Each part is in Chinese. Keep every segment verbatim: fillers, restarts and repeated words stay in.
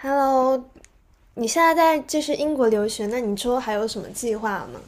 Hello，你现在在就是英国留学，那你之后还有什么计划吗？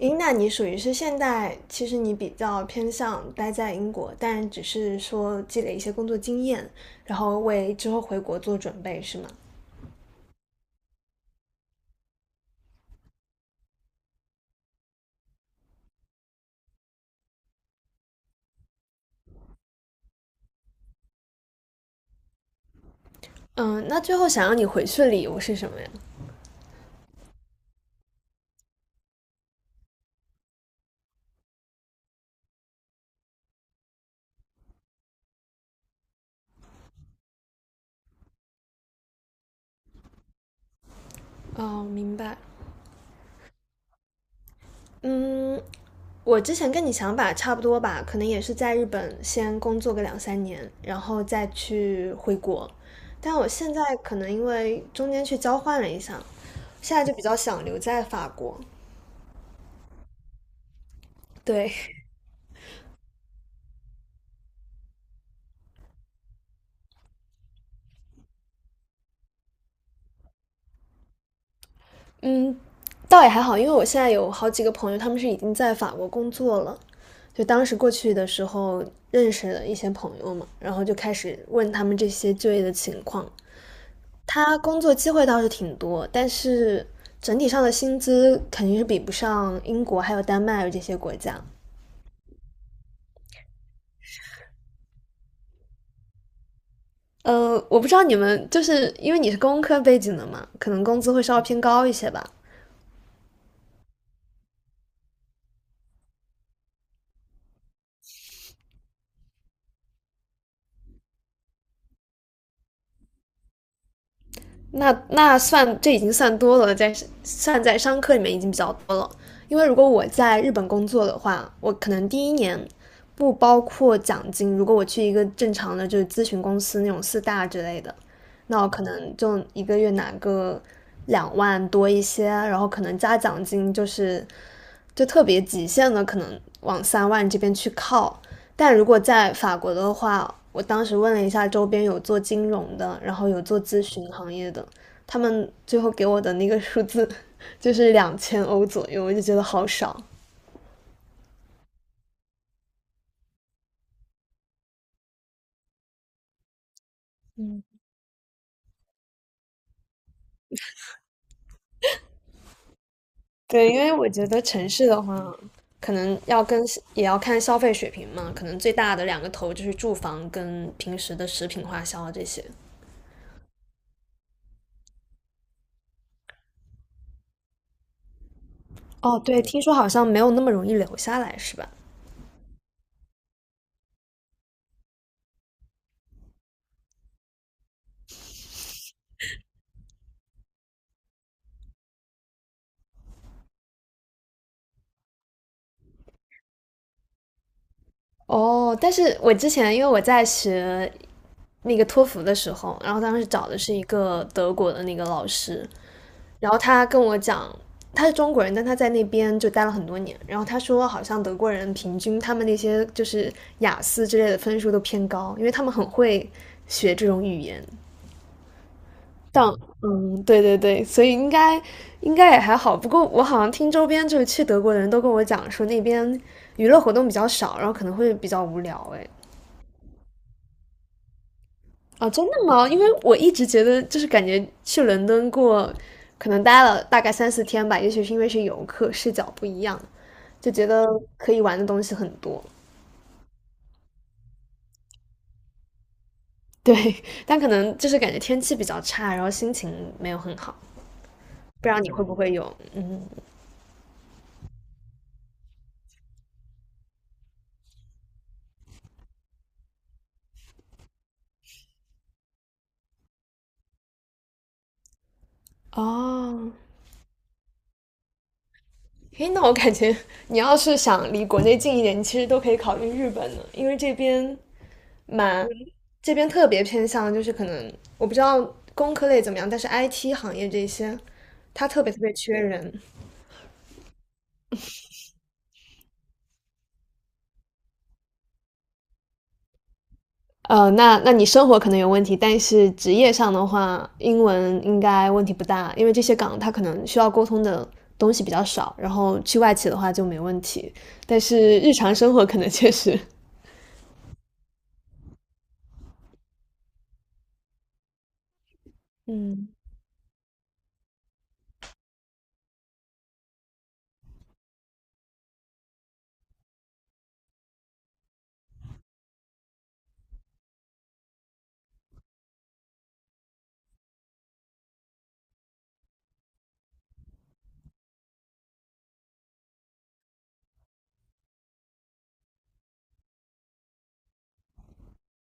诶，那你属于是现在，其实你比较偏向待在英国，但只是说积累一些工作经验，然后为之后回国做准备，是吗？嗯，那最后想让你回去的理由是什么呀？哦，明白。嗯，我之前跟你想法差不多吧，可能也是在日本先工作个两三年，然后再去回国。但我现在可能因为中间去交换了一下，现在就比较想留在法国。对，嗯，倒也还好，因为我现在有好几个朋友，他们是已经在法国工作了。就当时过去的时候认识了一些朋友嘛，然后就开始问他们这些就业的情况。他工作机会倒是挺多，但是整体上的薪资肯定是比不上英国还有丹麦这些国家。呃，我不知道你们就是因为你是工科背景的嘛，可能工资会稍微偏高一些吧。那那算这已经算多了，在算在商科里面已经比较多了。因为如果我在日本工作的话，我可能第一年不包括奖金。如果我去一个正常的就是咨询公司那种四大之类的，那我可能就一个月拿个两万多一些，然后可能加奖金就是就特别极限的，可能往三万这边去靠。但如果在法国的话，我当时问了一下周边有做金融的，然后有做咨询行业的，他们最后给我的那个数字 就是两千欧左右，我就觉得好少。对，因为我觉得城市的话，可能要跟也要看消费水平嘛，可能最大的两个头就是住房跟平时的食品花销啊这些。哦，对，听说好像没有那么容易留下来，是吧？哦，但是我之前因为我在学那个托福的时候，然后当时找的是一个德国的那个老师，然后他跟我讲，他是中国人，但他在那边就待了很多年，然后他说好像德国人平均他们那些就是雅思之类的分数都偏高，因为他们很会学这种语言。但嗯，对对对，所以应该应该也还好。不过我好像听周边就是去德国的人都跟我讲说那边娱乐活动比较少，然后可能会比较无聊，哎。啊，真的吗？因为我一直觉得，就是感觉去伦敦过，可能待了大概三四天吧，也许是因为是游客，视角不一样，就觉得可以玩的东西很多。对，但可能就是感觉天气比较差，然后心情没有很好。不知道你会不会有？嗯，哦，嘿，那我感觉你要是想离国内近一点，你其实都可以考虑日本呢，因为这边蛮这边特别偏向，就是可能我不知道工科类怎么样，但是 I T 行业这些，它特别特别缺人。呃，那那你生活可能有问题，但是职业上的话，英文应该问题不大，因为这些岗它可能需要沟通的东西比较少，然后去外企的话就没问题，但是日常生活可能确实，嗯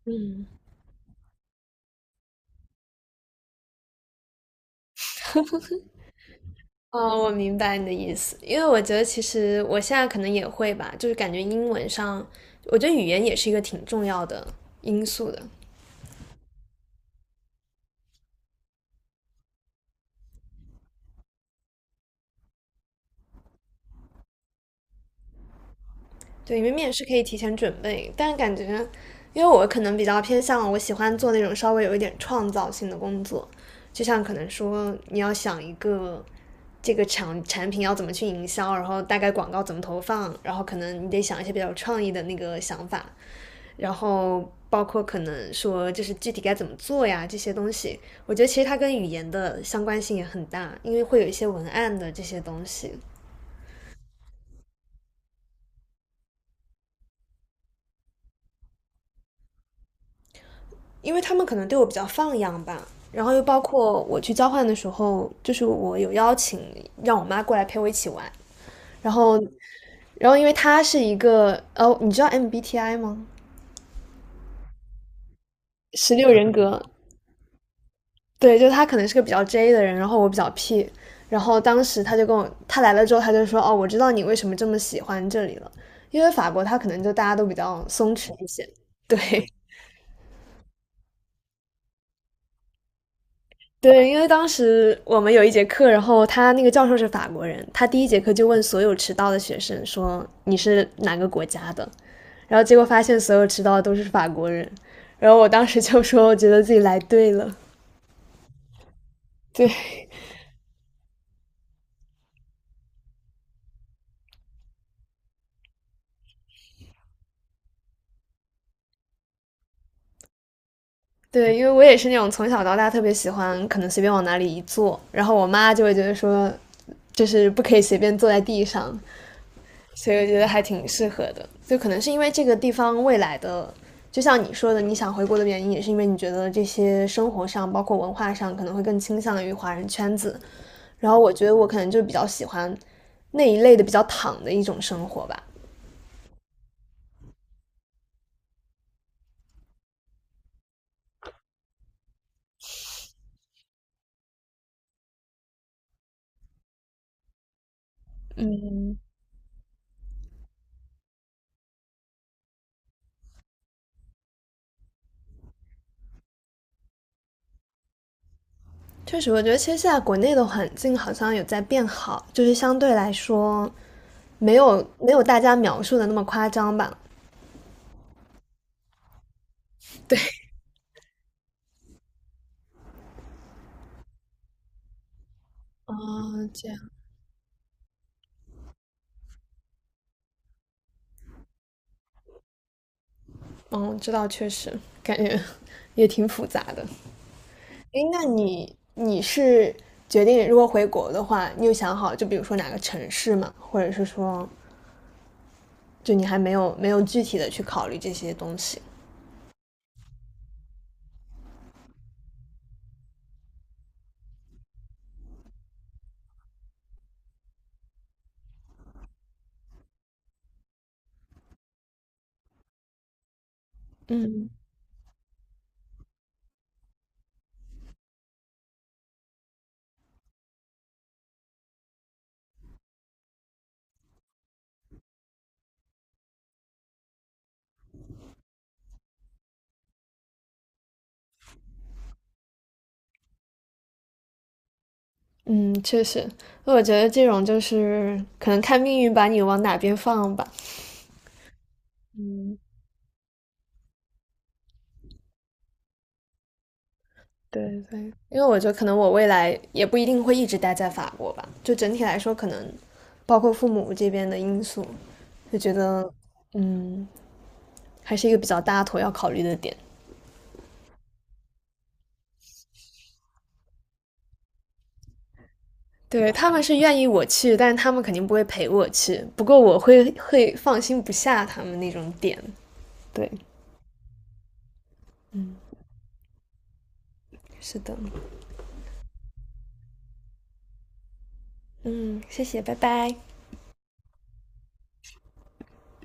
嗯。哦，我明白你的意思，因为我觉得其实我现在可能也会吧，就是感觉英文上，我觉得语言也是一个挺重要的因素的。对，因为面试可以提前准备，但是感觉，因为我可能比较偏向，我喜欢做那种稍微有一点创造性的工作，就像可能说你要想一个这个产产品要怎么去营销，然后大概广告怎么投放，然后可能你得想一些比较有创意的那个想法，然后包括可能说就是具体该怎么做呀这些东西，我觉得其实它跟语言的相关性也很大，因为会有一些文案的这些东西。因为他们可能对我比较放养吧。然后又包括我去交换的时候，就是我有邀请让我妈过来陪我一起玩，然后，然后因为她是一个哦，你知道 M B T I 吗？十六人格，对，就她可能是个比较 J 的人，然后我比较 P,然后当时她就跟我，她来了之后，她就说哦，我知道你为什么这么喜欢这里了，因为法国她可能就大家都比较松弛一些，对，对，因为当时我们有一节课，然后他那个教授是法国人，他第一节课就问所有迟到的学生说你是哪个国家的，然后结果发现所有迟到的都是法国人，然后我当时就说我觉得自己来对了，对对，因为我也是那种从小到大特别喜欢，可能随便往哪里一坐，然后我妈就会觉得说，就是不可以随便坐在地上，所以我觉得还挺适合的。就可能是因为这个地方未来的，就像你说的，你想回国的原因，也是因为你觉得这些生活上，包括文化上，可能会更倾向于华人圈子。然后我觉得我可能就比较喜欢那一类的比较躺的一种生活吧。确实，我觉得其实现在国内的环境好像有在变好，就是相对来说，没有没有大家描述的那么夸张吧。对，哦，这样，嗯，知道，确实感觉也挺复杂的。诶，那你你是决定如果回国的话，你有想好就比如说哪个城市吗？或者是说，就你还没有没有具体的去考虑这些东西？嗯，确实，我觉得这种就是可能看命运把你往哪边放吧。嗯，对对，因为我觉得可能我未来也不一定会一直待在法国吧，就整体来说，可能包括父母这边的因素，就觉得嗯，还是一个比较大头要考虑的点。对，他们是愿意我去，但是他们肯定不会陪我去。不过我会会放心不下他们那种点。是的，嗯，谢谢，拜拜。